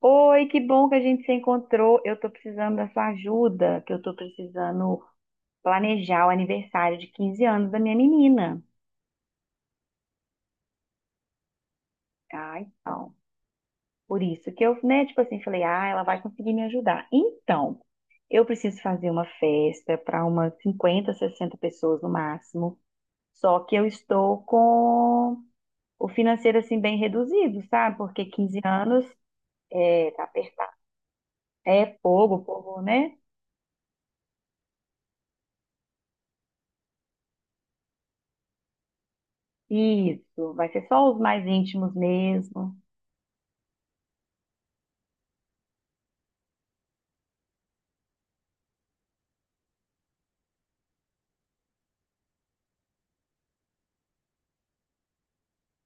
Oi, que bom que a gente se encontrou. Eu tô precisando da sua ajuda, que eu tô precisando planejar o aniversário de 15 anos da minha menina. Ah, então. Por isso que eu, né, tipo assim, falei, ah, ela vai conseguir me ajudar. Então, eu preciso fazer uma festa para umas 50, 60 pessoas no máximo. Só que eu estou com o financeiro assim bem reduzido, sabe? Porque 15 anos tá apertado. É fogo, o povo, né? Isso, vai ser só os mais íntimos mesmo.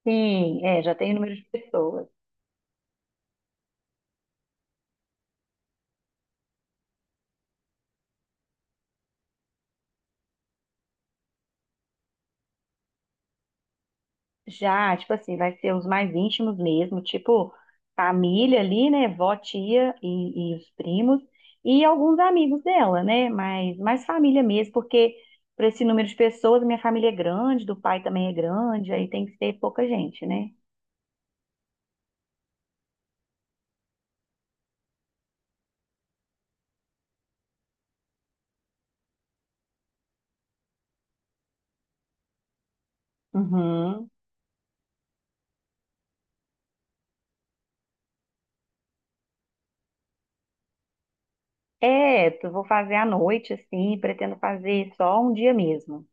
Sim, é, já tem o número de pessoas. Já, tipo assim, vai ser os mais íntimos mesmo, tipo família ali, né? Vó, tia e os primos e alguns amigos dela, né? Mas mais família mesmo, porque para esse número de pessoas, minha família é grande, do pai também é grande, aí tem que ser pouca gente, né? Uhum. É, eu vou fazer à noite, assim, pretendo fazer só um dia mesmo.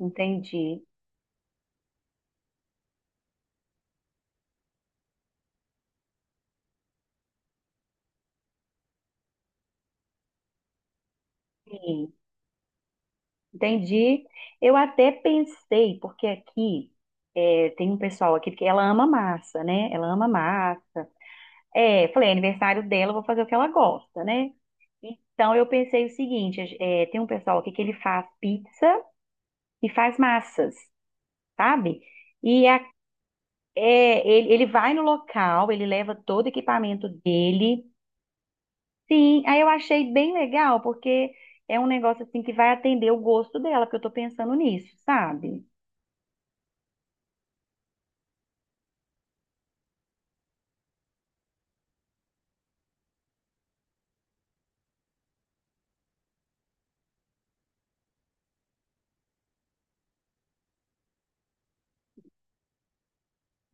Entendi. Entendi. Eu até pensei, porque aqui tem um pessoal aqui que ela ama massa, né? Ela ama massa. É, falei, é aniversário dela, eu vou fazer o que ela gosta, né? Então eu pensei o seguinte, tem um pessoal aqui que ele faz pizza e faz massas, sabe? E a- ele vai no local, ele leva todo o equipamento dele. Sim, aí eu achei bem legal, porque é um negócio assim que vai atender o gosto dela, porque eu tô pensando nisso, sabe?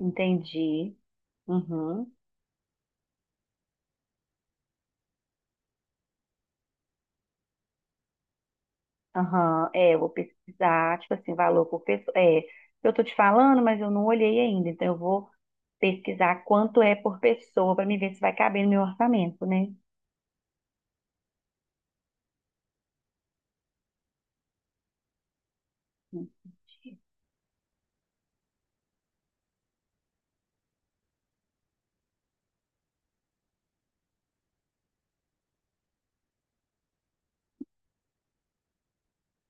Entendi. Uhum. Aham, é, eu vou pesquisar, tipo assim, valor por pessoa. Eu tô te falando, mas eu não olhei ainda, então eu vou pesquisar quanto é por pessoa para me ver se vai caber no meu orçamento, né?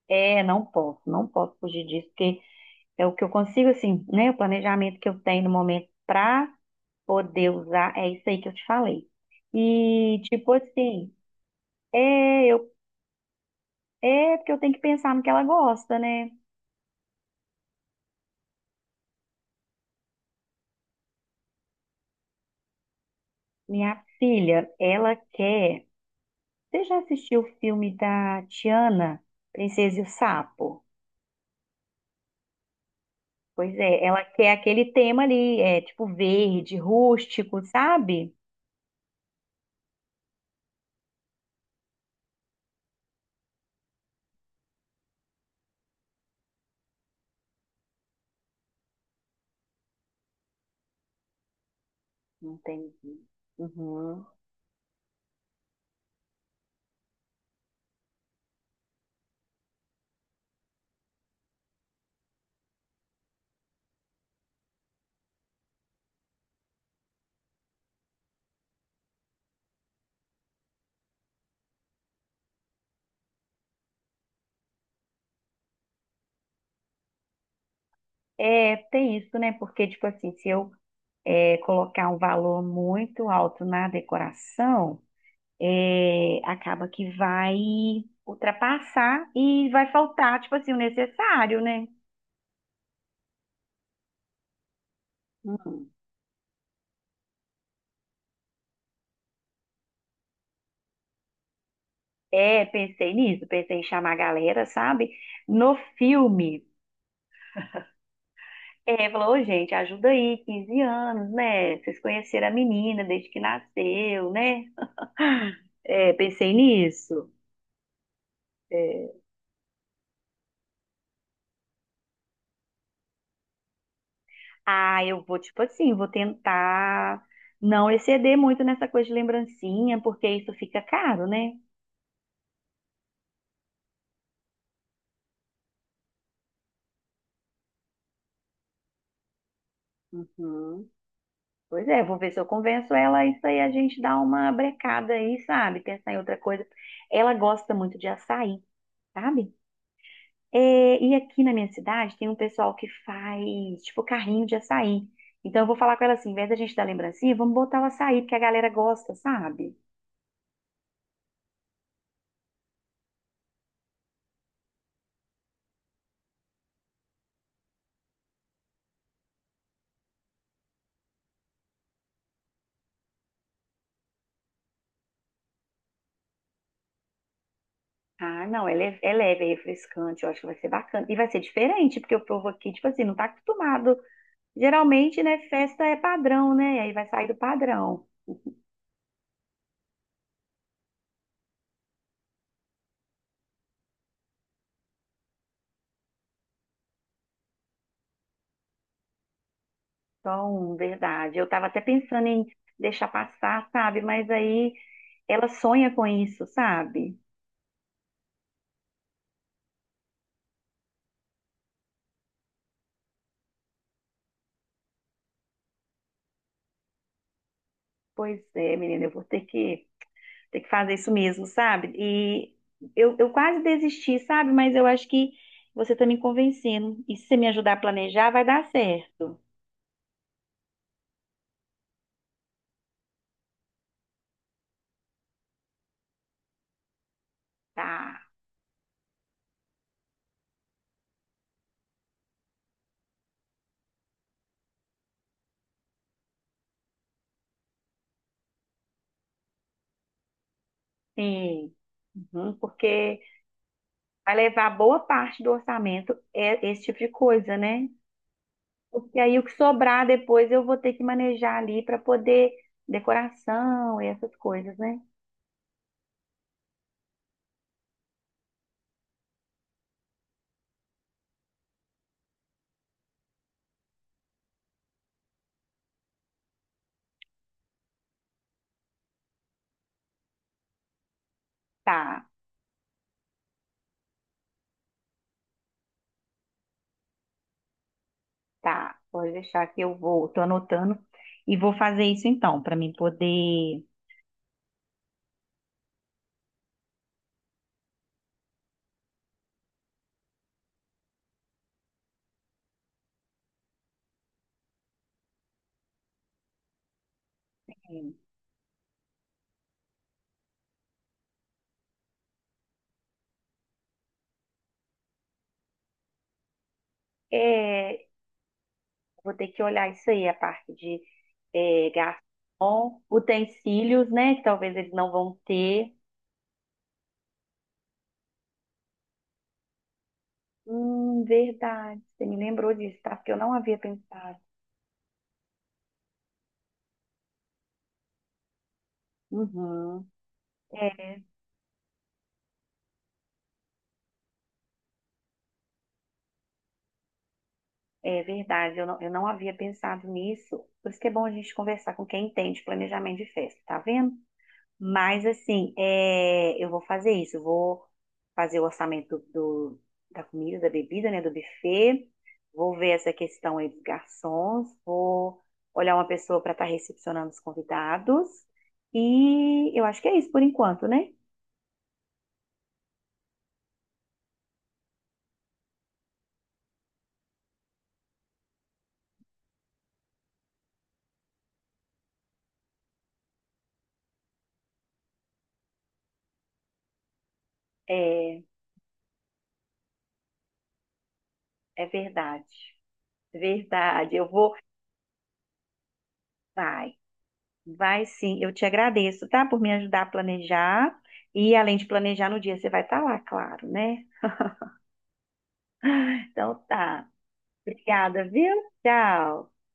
É, não posso, não posso fugir disso, porque é o que eu consigo, assim, né? O planejamento que eu tenho no momento para poder usar, é isso aí que eu te falei. E, tipo assim, é, eu, é porque eu tenho que pensar no que ela gosta, né? Minha filha, ela quer. Você já assistiu o filme da Tiana, Princesa e o Sapo? Pois é, ela quer aquele tema ali, é tipo verde, rústico, sabe? Entendi. Uhum. É, tem isso, né? Porque, tipo assim, se eu colocar um valor muito alto na decoração, acaba que vai ultrapassar e vai faltar, tipo assim, o necessário, né? Uhum. É, pensei nisso, pensei em chamar a galera, sabe? No filme. É, falou, "Ô, gente, ajuda aí, 15 anos, né? Vocês conheceram a menina desde que nasceu, né? É, pensei nisso. É, ah, eu vou, tipo assim, vou tentar não exceder muito nessa coisa de lembrancinha, porque isso fica caro, né? Uhum. Pois é, vou ver se eu convenço ela, isso aí a gente dá uma brecada aí, sabe? Pensar em outra coisa. Ela gosta muito de açaí, sabe? É, e aqui na minha cidade tem um pessoal que faz, tipo, carrinho de açaí. Então eu vou falar com ela assim, em vez da gente dar lembrancinha, vamos botar o açaí, porque a galera gosta, sabe? Ah, não, é leve, é leve, é refrescante, eu acho que vai ser bacana. E vai ser diferente, porque o povo aqui, tipo assim, não tá acostumado. Geralmente, né, festa é padrão, né? Aí vai sair do padrão. Então, verdade. Eu tava até pensando em deixar passar, sabe? Mas aí ela sonha com isso, sabe? Pois é, menina, eu vou ter que tem que fazer isso mesmo, sabe? E eu quase desisti, sabe? Mas eu acho que você tá me convencendo. E se você me ajudar a planejar, vai dar certo. Tá. Sim. Uhum, porque vai levar boa parte do orçamento é esse tipo de coisa, né? Porque aí o que sobrar depois eu vou ter que manejar ali para poder decoração e essas coisas, né? Tá, tá. Pode deixar que eu vou, tô anotando e vou fazer isso então, para mim poder. É, vou ter que olhar isso aí, a parte de garçom, utensílios, né? Que talvez eles não vão ter. Verdade. Você me lembrou disso, tá? Porque eu não havia pensado. Uhum. É, é verdade, eu não havia pensado nisso. Por isso que é bom a gente conversar com quem entende planejamento de festa, tá vendo? Mas assim, é, eu vou fazer isso. Eu vou fazer o orçamento do- da comida, da bebida, né? Do buffet. Vou ver essa questão aí dos garçons. Vou olhar uma pessoa para estar recepcionando os convidados. E eu acho que é isso por enquanto, né? É, é verdade. Verdade. Eu vou. Vai, vai sim. Eu te agradeço, tá? Por me ajudar a planejar. E além de planejar no dia, você vai estar lá, claro, né? Então tá. Obrigada, viu? Tchau.